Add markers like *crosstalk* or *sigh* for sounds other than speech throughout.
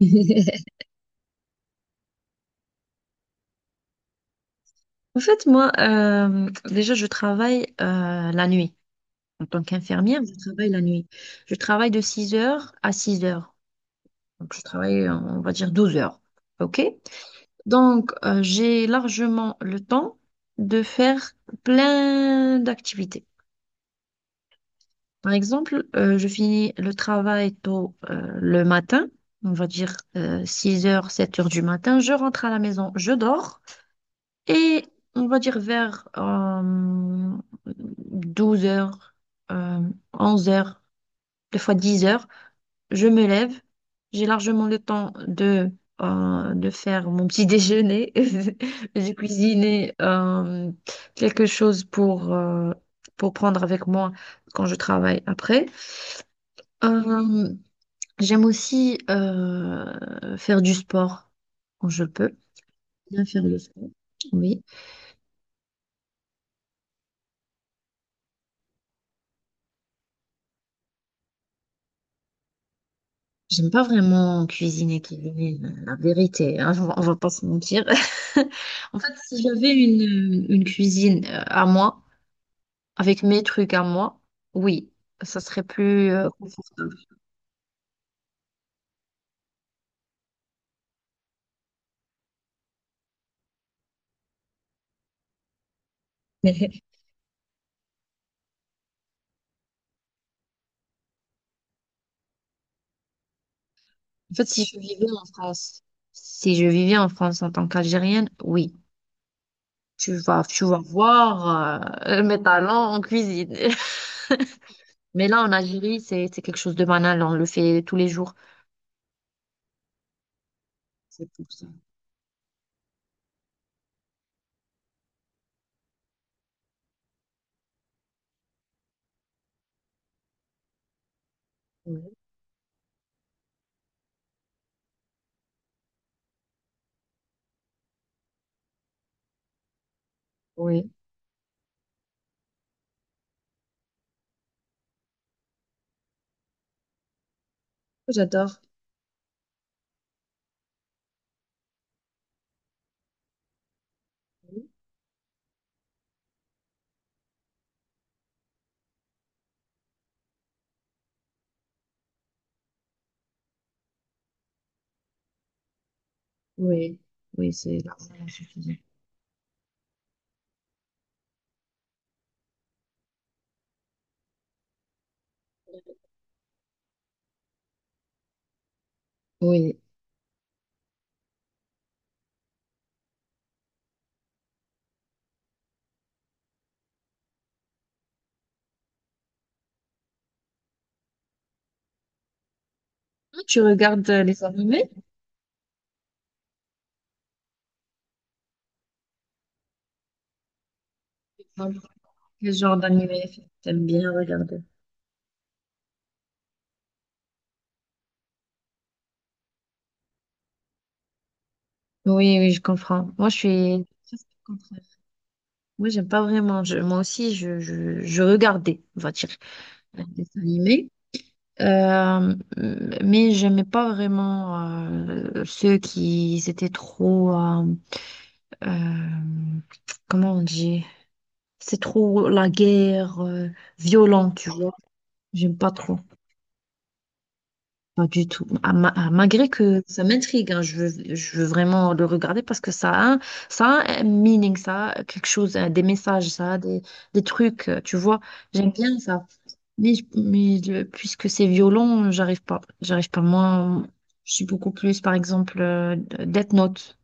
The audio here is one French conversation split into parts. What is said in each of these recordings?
*laughs* En fait, moi, déjà, je travaille la nuit. En tant qu'infirmière, je travaille la nuit. Je travaille de 6 heures à 6 heures. Donc, je travaille, on va dire, 12 heures. OK? Donc, j'ai largement le temps de faire plein d'activités. Par exemple, je finis le travail tôt le matin, on va dire 6 heures, 7 heures du matin. Je rentre à la maison, je dors. Et on va dire vers 12 heures, euh, 11 heures, des fois 10 heures, je me lève. J'ai largement le temps de faire mon petit déjeuner, *laughs* de cuisiner quelque chose pour prendre avec moi quand je travaille après. Euh, J'aime aussi faire du sport quand je peux. Bien faire le sport. Oui. J'aime pas vraiment cuisiner, cuisiner, la vérité, hein, on va pas se mentir. *laughs* En fait, si j'avais une cuisine à moi, avec mes trucs à moi, oui, ça serait plus confortable. *laughs* Mais en fait, si je vivais en France, si je vivais en France en tant qu'Algérienne, oui, tu vas voir mes talents en cuisine. *laughs* Mais là, en Algérie, c'est quelque chose de banal, on le fait tous les jours. C'est pour ça. Oui, oui. J'adore. Oui, oui, c'est largement suffisant. Oui. Tu regardes les animés? Non. Quel genre d'animé t'aimes bien regarder? Oui, oui, je comprends. Moi, je suis presque le contraire. Moi, j'aime pas vraiment. Moi aussi, je regardais, on va dire, les dessins animés. Euh, mais j'aimais pas vraiment ceux qui étaient trop, euh, comment on dit? C'est trop la guerre violente, tu vois. J'aime pas trop. Pas du tout. Ah, malgré que ça m'intrigue, hein, je veux vraiment le regarder parce que ça a, ça a un meaning, ça a quelque chose, hein, des messages, ça a des trucs, tu vois. J'aime bien ça. Mais, puisque c'est violent, j'arrive pas. J'arrive pas. Moi, je suis beaucoup plus, par exemple, Death Note,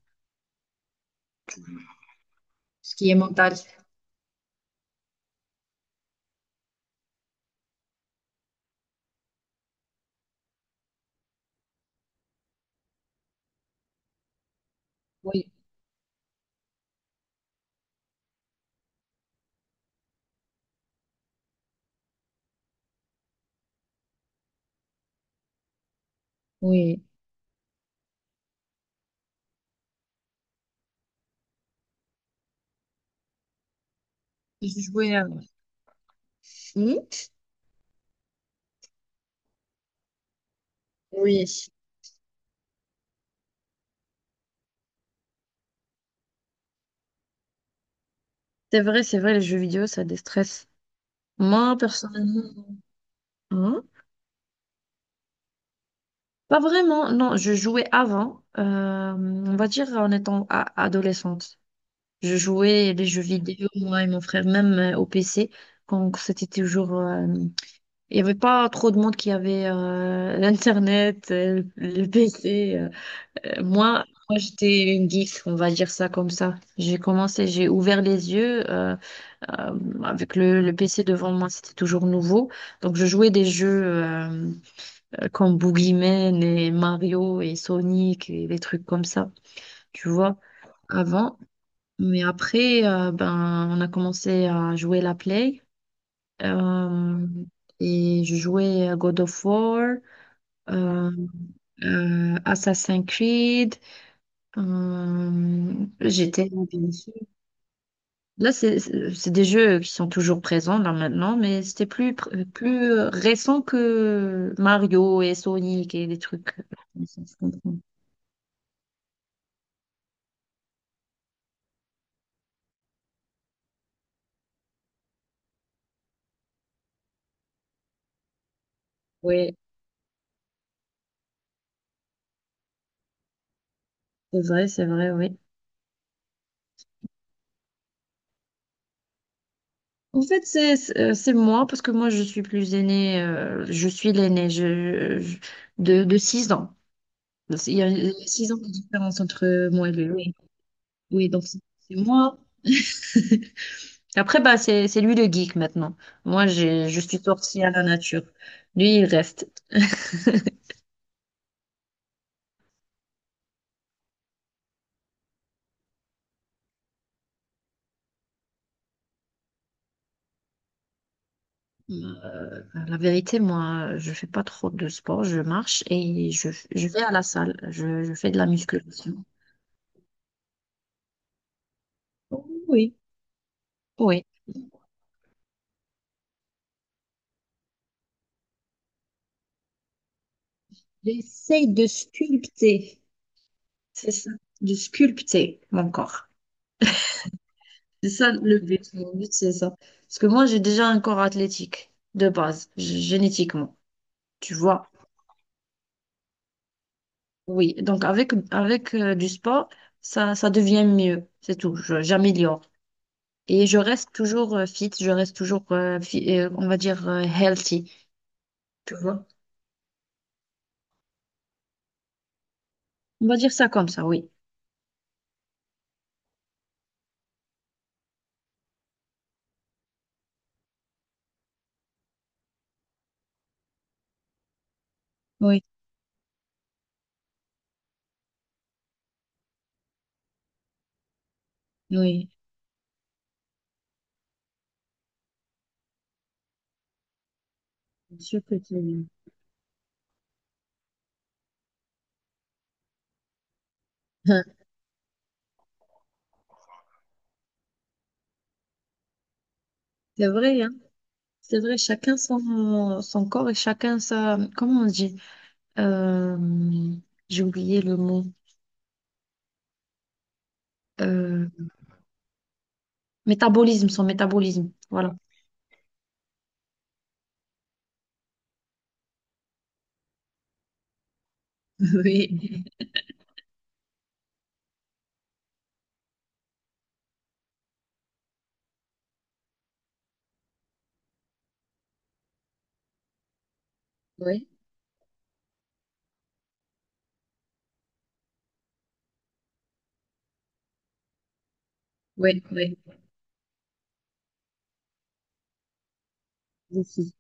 ce qui est mental. Oui, oui. J'ai joué à- Hmm. Oui, c'est vrai, les jeux vidéo, ça déstresse. Moi, personnellement, hein. Pas vraiment, non, je jouais avant, on va dire en étant adolescente. Je jouais les jeux vidéo, moi et mon frère, même au PC, quand c'était toujours. Il n'y avait pas trop de monde qui avait l'Internet, le PC. Moi, moi j'étais une geek, on va dire ça comme ça. J'ai commencé, j'ai ouvert les yeux euh, avec le PC devant moi, c'était toujours nouveau. Donc je jouais des jeux, comme Boogeyman et Mario et Sonic et des trucs comme ça, tu vois, avant. Mais après, ben, on a commencé à jouer la Play. euh, et je jouais à God of War, euh, Assassin's Creed. euh, j'étais bien sûr. Là, c'est des jeux qui sont toujours présents là maintenant, mais c'était plus récent que Mario et Sonic et des trucs. Oui, c'est vrai, c'est vrai, oui. En fait, c'est moi, parce que moi, je suis plus aînée, je suis l'aînée de 6 ans. Il y a 6 ans de différence entre moi et lui. Oui, oui donc c'est moi. *laughs* Après, bah, c'est lui le geek maintenant. Moi, je suis sortie à la nature. Lui, il reste. Bah, la vérité, moi, je fais pas trop de sport. Je marche et je vais à la salle. Je fais de la musculation. Oui. Oui. J'essaye de sculpter. C'est ça, de sculpter mon corps. C'est ça le but. Mon but, c'est ça. Parce que moi, j'ai déjà un corps athlétique de base, génétiquement. Tu vois? Oui. Donc, avec du sport, ça devient mieux. C'est tout. J'améliore. Et je reste toujours fit. Je reste toujours, on va dire, healthy. Tu vois? On va dire ça comme ça, oui. Oui, oui. Bien sûr que tu- *laughs* C'est vrai, hein? C'est vrai, chacun son corps et chacun sa. Comment on dit? Euh, j'ai oublié le mot. Euh, métabolisme, son métabolisme. Voilà. *laughs* Oui, oui. Oui, oui. Défi.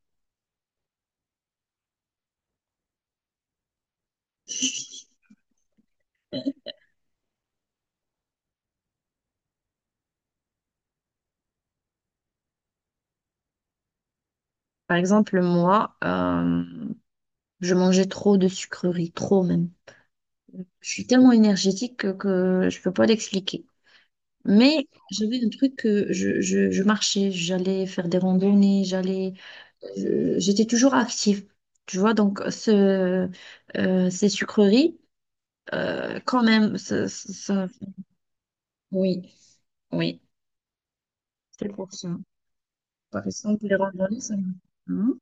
Par exemple, moi, je mangeais trop de sucreries, trop même. Je suis tellement énergétique que je peux pas l'expliquer. Mais j'avais un truc que je marchais, j'allais faire des randonnées, j'étais toujours active. Tu vois, donc ces sucreries, quand même, ça, oui, oui, c'est pour ça. Par exemple, les randonnées, ça me- Hein.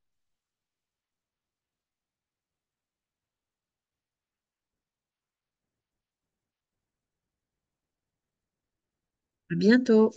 À bientôt.